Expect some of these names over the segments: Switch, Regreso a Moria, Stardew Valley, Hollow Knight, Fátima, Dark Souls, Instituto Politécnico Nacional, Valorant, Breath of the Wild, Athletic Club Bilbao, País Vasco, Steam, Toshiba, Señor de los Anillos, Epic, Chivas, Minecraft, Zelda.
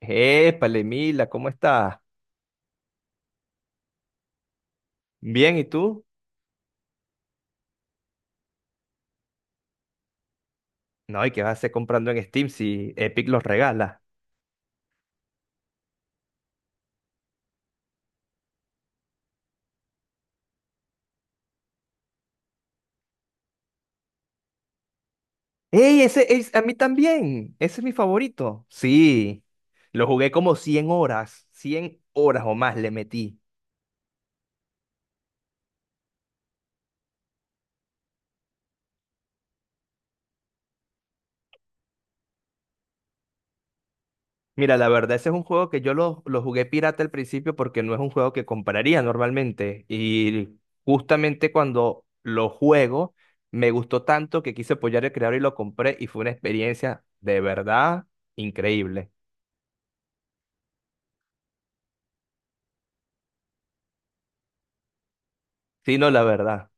Épale, Mila, ¿cómo estás? Bien, ¿y tú? No, ¿y qué vas a hacer comprando en Steam si Epic los regala? ¡Ey, ese es a mí también! Ese es mi favorito. Sí, lo jugué como 100 horas, 100 horas o más le metí. Mira, la verdad, ese es un juego que yo lo jugué pirata al principio porque no es un juego que compraría normalmente. Y justamente cuando lo juego, me gustó tanto que quise apoyar al creador y lo compré y fue una experiencia de verdad increíble. Sí, no, la verdad.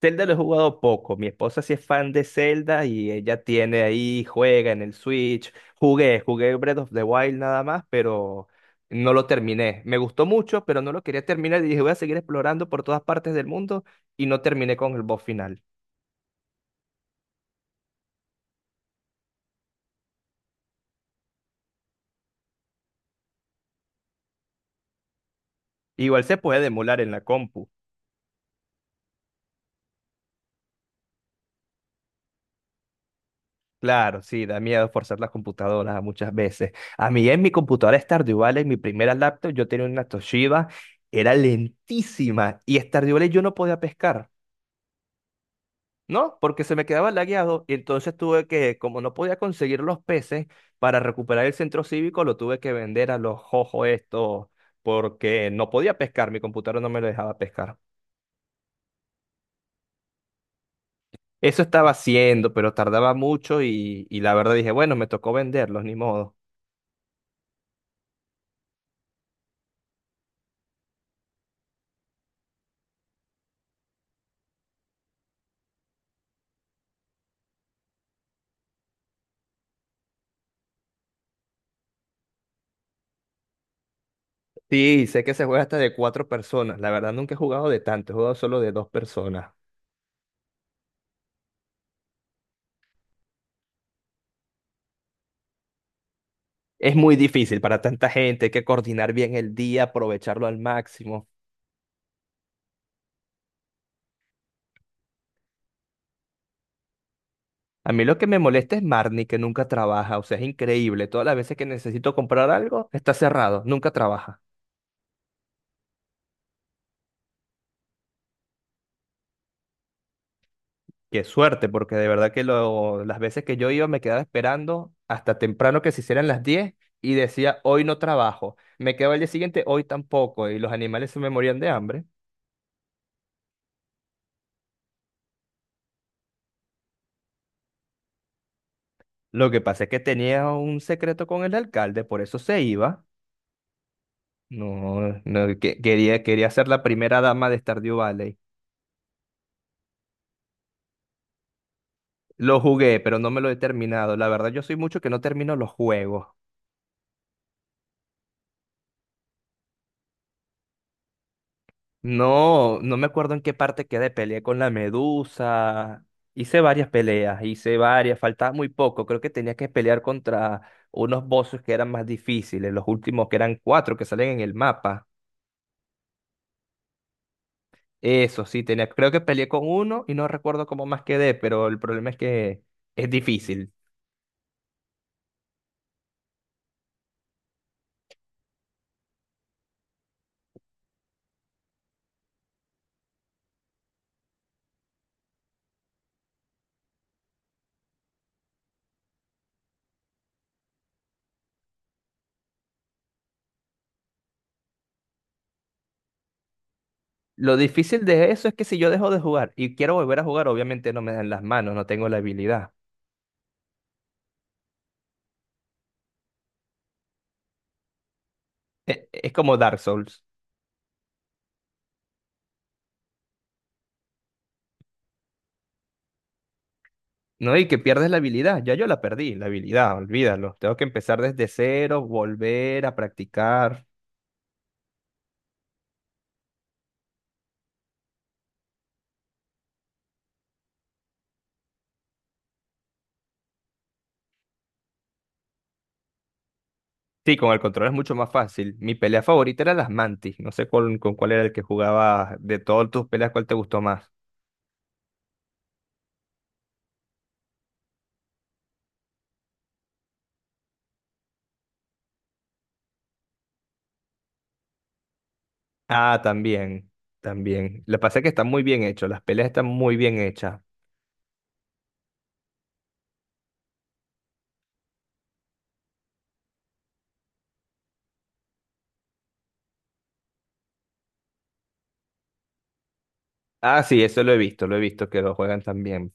Zelda lo he jugado poco. Mi esposa sí es fan de Zelda y ella tiene ahí, juega en el Switch. Jugué Breath of the Wild nada más, pero no lo terminé. Me gustó mucho, pero no lo quería terminar y dije, voy a seguir explorando por todas partes del mundo y no terminé con el boss final. Igual se puede emular en la compu. Claro, sí, da miedo forzar las computadoras muchas veces. A mí en mi computadora Stardew Valley, en mi primera laptop, yo tenía una Toshiba, era lentísima y Stardew Valley yo no podía pescar. No, porque se me quedaba lagueado y entonces tuve que, como no podía conseguir los peces para recuperar el centro cívico, lo tuve que vender a los jojos estos porque no podía pescar, mi computadora no me lo dejaba pescar. Eso estaba haciendo, pero tardaba mucho y la verdad dije, bueno, me tocó venderlos, ni modo. Sí, sé que se juega hasta de cuatro personas, la verdad nunca he jugado de tanto, he jugado solo de dos personas. Es muy difícil para tanta gente, hay que coordinar bien el día, aprovecharlo al máximo. A mí lo que me molesta es Marnie, que nunca trabaja. O sea, es increíble. Todas las veces que necesito comprar algo, está cerrado. Nunca trabaja. Qué suerte, porque de verdad que las veces que yo iba me quedaba esperando hasta temprano que se hicieran las 10 y decía, hoy no trabajo. Me quedaba el día siguiente, hoy tampoco. Y los animales se me morían de hambre. Lo que pasa es que tenía un secreto con el alcalde, por eso se iba. No, no, quería ser la primera dama de Stardew Valley. Lo jugué, pero no me lo he terminado. La verdad, yo soy mucho que no termino los juegos. No, no me acuerdo en qué parte quedé. Peleé con la medusa. Hice varias peleas, hice varias. Faltaba muy poco. Creo que tenía que pelear contra unos bosses que eran más difíciles. Los últimos que eran cuatro que salen en el mapa. Eso sí, tenía. Creo que peleé con uno y no recuerdo cómo más quedé, pero el problema es que es difícil. Lo difícil de eso es que si yo dejo de jugar y quiero volver a jugar, obviamente no me dan las manos, no tengo la habilidad. Es como Dark Souls, ¿no? Y que pierdes la habilidad. Ya yo la perdí, la habilidad, olvídalo. Tengo que empezar desde cero, volver a practicar. Sí, con el control es mucho más fácil. Mi pelea favorita era las mantis. No sé con cuál era el que jugaba de todas tus peleas, cuál te gustó más. Ah, también, también. Lo que pasa es que están muy bien hechos, las peleas están muy bien hechas. Ah, sí, eso lo he visto que lo juegan también.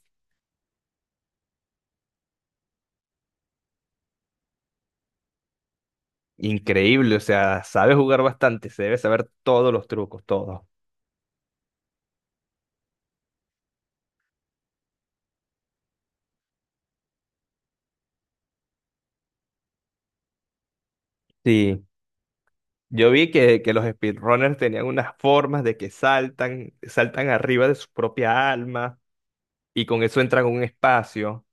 Increíble, o sea, sabe jugar bastante, se debe saber todos los trucos, todos. Sí. Yo vi que los speedrunners tenían unas formas de que saltan, saltan arriba de su propia alma y con eso entran a un espacio.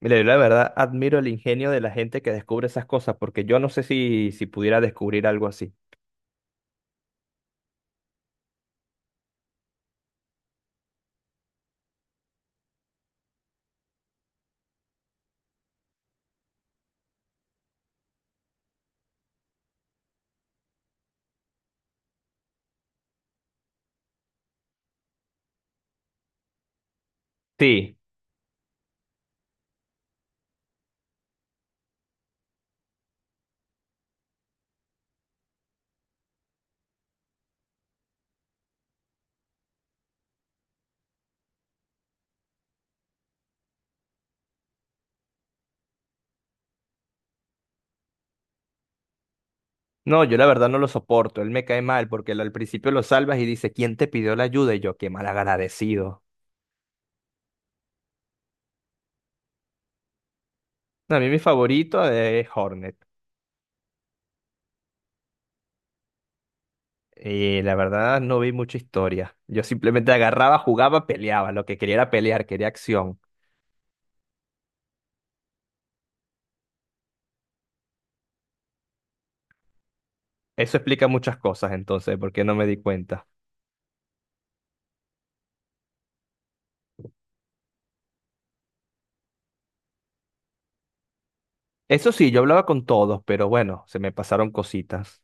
Mira, yo la verdad admiro el ingenio de la gente que descubre esas cosas porque yo no sé si pudiera descubrir algo así. Sí, no, yo la verdad no lo soporto, él me cae mal porque él al principio lo salvas y dice, ¿quién te pidió la ayuda? Y yo, qué mal agradecido. A mí mi favorito es Hornet. Y la verdad no vi mucha historia. Yo simplemente agarraba, jugaba, peleaba. Lo que quería era pelear, quería acción. Eso explica muchas cosas, entonces, porque no me di cuenta. Eso sí, yo hablaba con todos, pero bueno, se me pasaron cositas.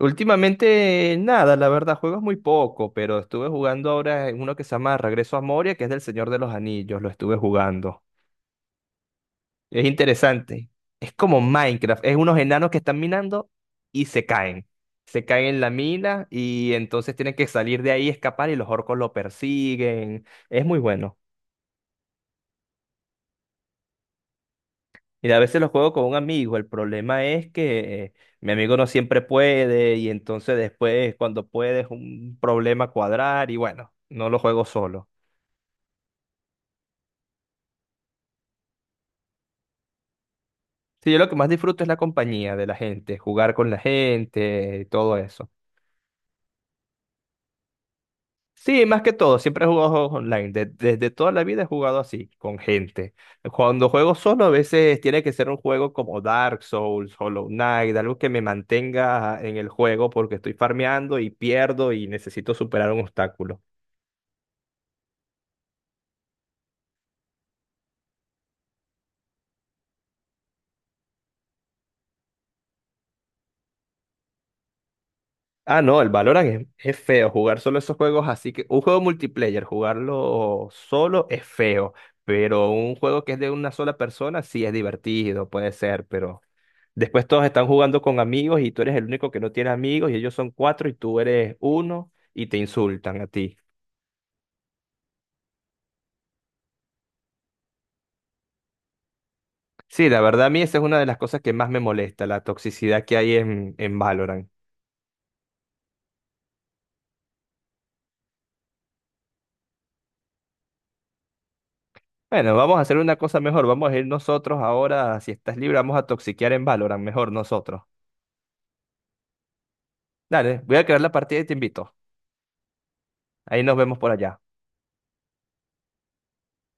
Últimamente, nada, la verdad, juegos muy poco, pero estuve jugando ahora en uno que se llama Regreso a Moria, que es del Señor de los Anillos, lo estuve jugando. Es interesante. Es como Minecraft, es unos enanos que están minando y se caen. Se caen en la mina y entonces tienen que salir de ahí, escapar y los orcos lo persiguen. Es muy bueno. Mira, a veces lo juego con un amigo. El problema es que mi amigo no siempre puede y entonces después cuando puede es un problema cuadrar y bueno, no lo juego solo. Sí, yo lo que más disfruto es la compañía de la gente, jugar con la gente, todo eso. Sí, más que todo, siempre he jugado juegos online. Desde toda la vida he jugado así, con gente. Cuando juego solo, a veces tiene que ser un juego como Dark Souls, Hollow Knight, algo que me mantenga en el juego porque estoy farmeando y pierdo y necesito superar un obstáculo. Ah, no, el Valorant es feo. Jugar solo esos juegos así que. Un juego multiplayer, jugarlo solo es feo. Pero un juego que es de una sola persona sí es divertido, puede ser. Pero después todos están jugando con amigos y tú eres el único que no tiene amigos y ellos son cuatro y tú eres uno y te insultan a ti. Sí, la verdad a mí esa es una de las cosas que más me molesta, la toxicidad que hay en Valorant. Bueno, vamos a hacer una cosa mejor. Vamos a ir nosotros ahora, si estás libre, vamos a toxiquear en Valorant, mejor nosotros. Dale, voy a crear la partida y te invito. Ahí nos vemos por allá.